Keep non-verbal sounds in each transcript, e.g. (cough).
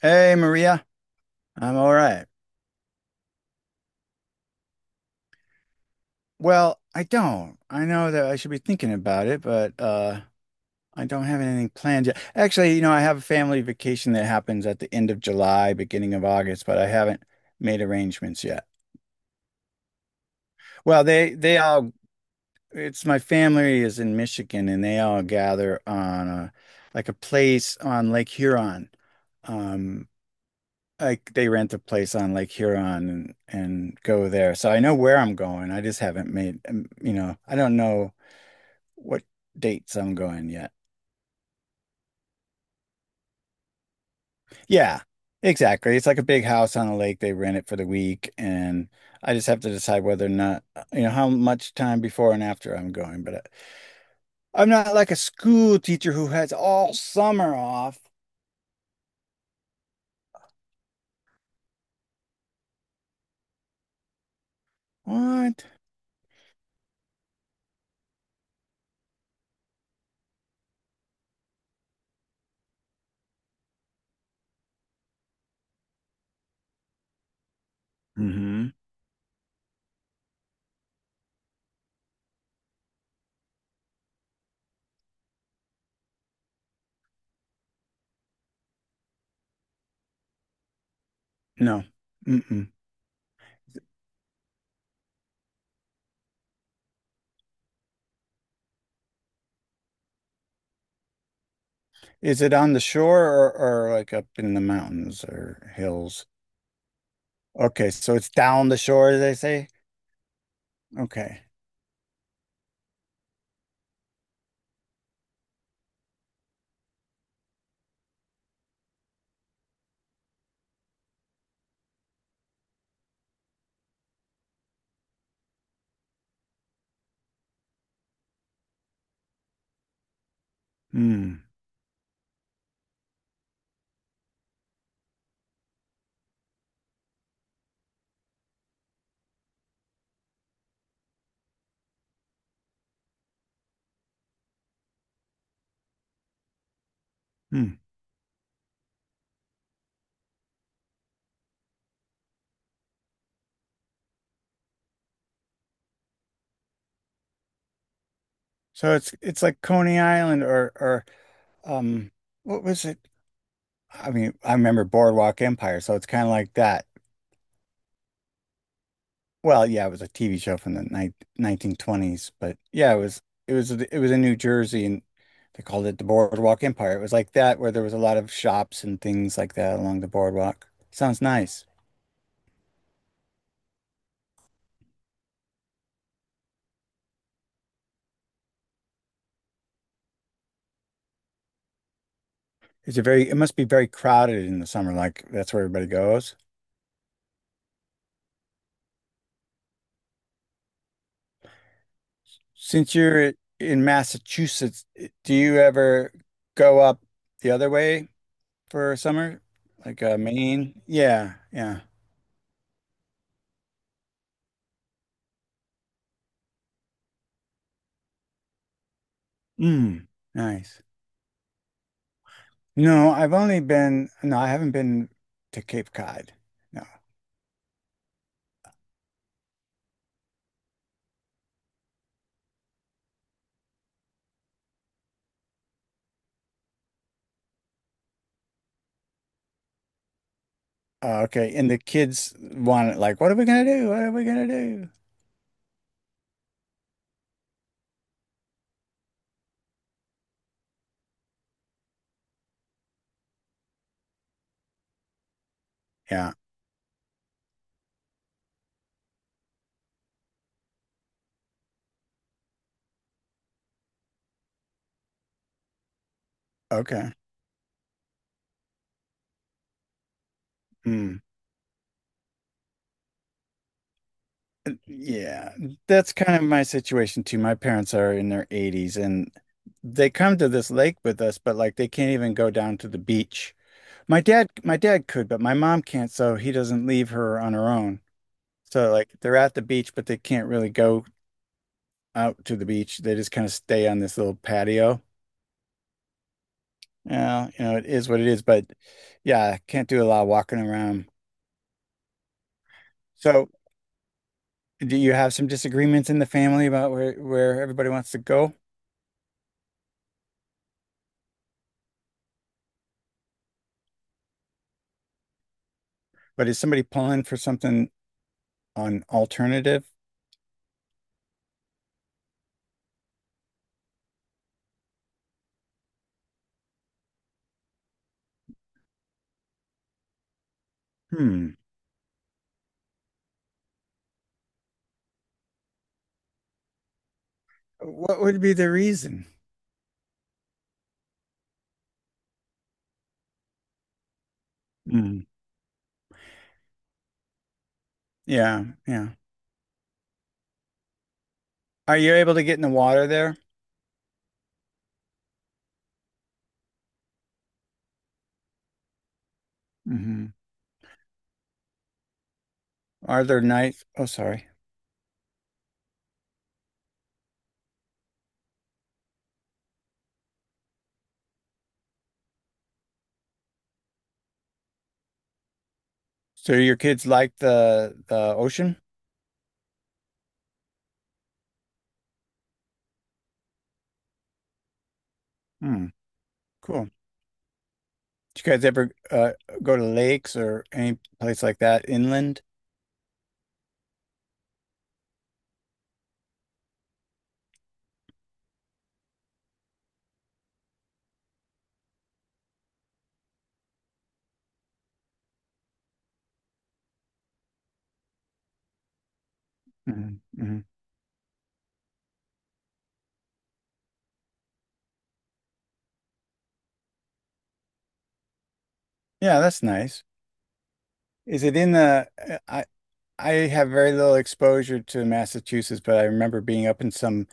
Hey Maria, I'm all right. Well, I don't. I know that I should be thinking about it, but I don't have anything planned yet. Actually, you know, I have a family vacation that happens at the end of July, beginning of August, but I haven't made arrangements yet. Well, they all it's my family is in Michigan and they all gather on a like a place on Lake Huron. Um like they rent a place on Lake Huron and go there. So I know where I'm going. I just haven't made, you know, I don't know what dates I'm going yet. Yeah, exactly. It's like a big house on a lake. They rent it for the week, and I just have to decide whether or not, you know, how much time before and after I'm going. But I I'm not like a school teacher who has all summer off. What? Mm-hmm. No. Mm-mm. Is it on the shore or like up in the mountains or hills? Okay, so it's down the shore, as they say. Okay. Hmm. Hmm. So it's like Coney Island or um what was it? I mean, I remember Boardwalk Empire, so it's kind of like that. Well, yeah, it was a TV show from the ni 1920s, but yeah, it was it was in New Jersey and they called it the Boardwalk Empire. It was like that where there was a lot of shops and things like that along the boardwalk. Sounds nice. It must be very crowded in the summer, like that's where everybody goes. Since you're in Massachusetts, do you ever go up the other way for summer? Like Maine? Yeah, yeah. Mm, nice. No, I've only been, no, I haven't been to Cape Cod. No. Okay. And the kids want it like, what are we gonna do? What are we gonna do? Yeah. Okay. Mm. Yeah. That's kind of my situation too. My parents are in their 80s and they come to this lake with us, but like they can't even go down to the beach. My dad could, but my mom can't, so he doesn't leave her on her own. So like they're at the beach, but they can't really go out to the beach. They just kind of stay on this little patio. Yeah, you know, it is what it is, but yeah, can't do a lot of walking around. So do you have some disagreements in the family about where everybody wants to go? But is somebody pulling for something on alternative? Hmm. What would be the reason? Hmm. Yeah, yeah. Are you able to get in the water there? Hmm. Are there nights? Oh, sorry. So your kids like the ocean? Hmm. Cool. Did you guys ever go to lakes or any place like that inland? Mm-hmm. Yeah, that's nice. Is it in the? I have very little exposure to Massachusetts, but I remember being up in some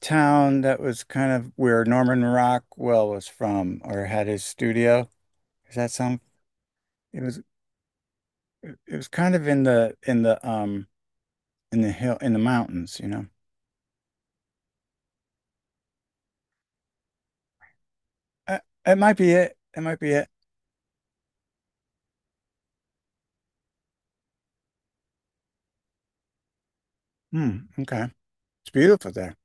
town that was kind of where Norman Rockwell was from or had his studio. Does that sound? It was it was kind of in the in the hill in the mountains, you know. Uh, it might be it. It might be it. Hmm. Okay. It's beautiful there.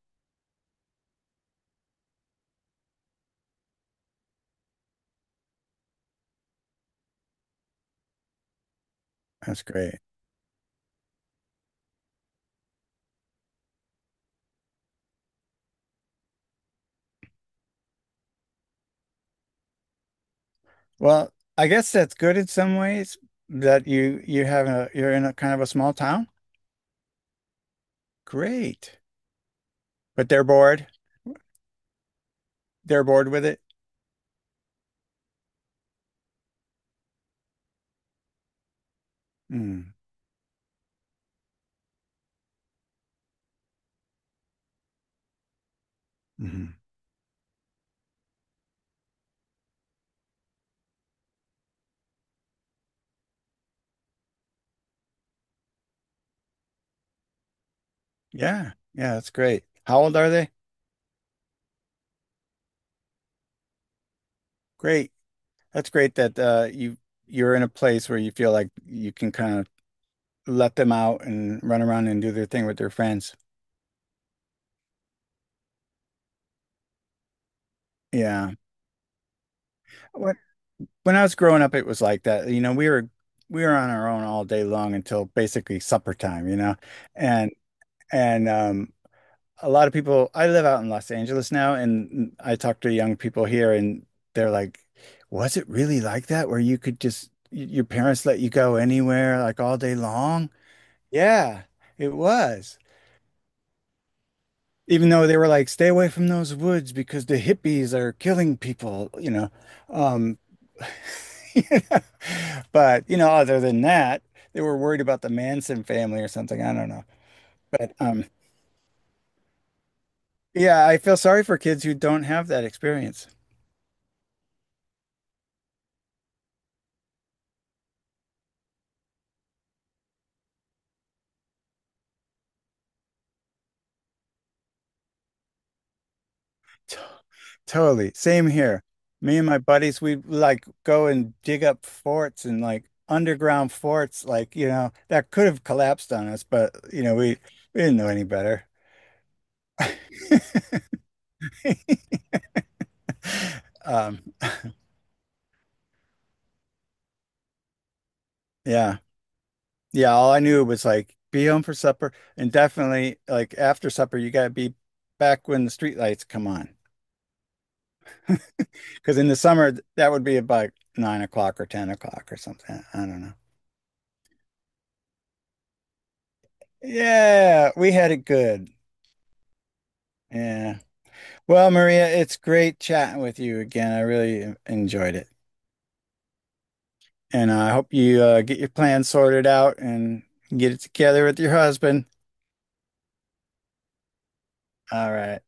That's great. Well, I guess that's good in some ways that you have a you're in a kind of a small town. Great. But they're bored. They're bored with it. Mm. Hmm. Yeah. Yeah, that's great. How old are they? Great. That's great that you you're in a place where you feel like you can kind of let them out and run around and do their thing with their friends. Yeah. Well, when I was growing up, it was like that. You know, we were on our own all day long until basically supper time, you know. And and um a lot of people I live out in Los Angeles now and I talk to young people here and they're like, was it really like that where you could just your parents let you go anywhere like all day long? Yeah, it was. Even though they were like, stay away from those woods because the hippies are killing people, you know. Um, (laughs) you know? But, you know, other than that, they were worried about the Manson family or something. I don't know. But yeah, I feel sorry for kids who don't have that experience. T- Totally. Same here. Me and my buddies, we like go and dig up forts and like underground forts, like, you know, that could have collapsed on us, but, you know, we didn't know any better. (laughs) Um, (laughs) yeah. Yeah, all I knew was like be home for supper and definitely like after supper you gotta be back when the street lights come on. Because in the summer that would be about 9 o'clock or 10 o'clock or something. I don't know. Yeah, we had it good. Yeah. Well, Maria, it's great chatting with you again. I really enjoyed it. And I hope you get your plan sorted out and get it together with your husband. All right.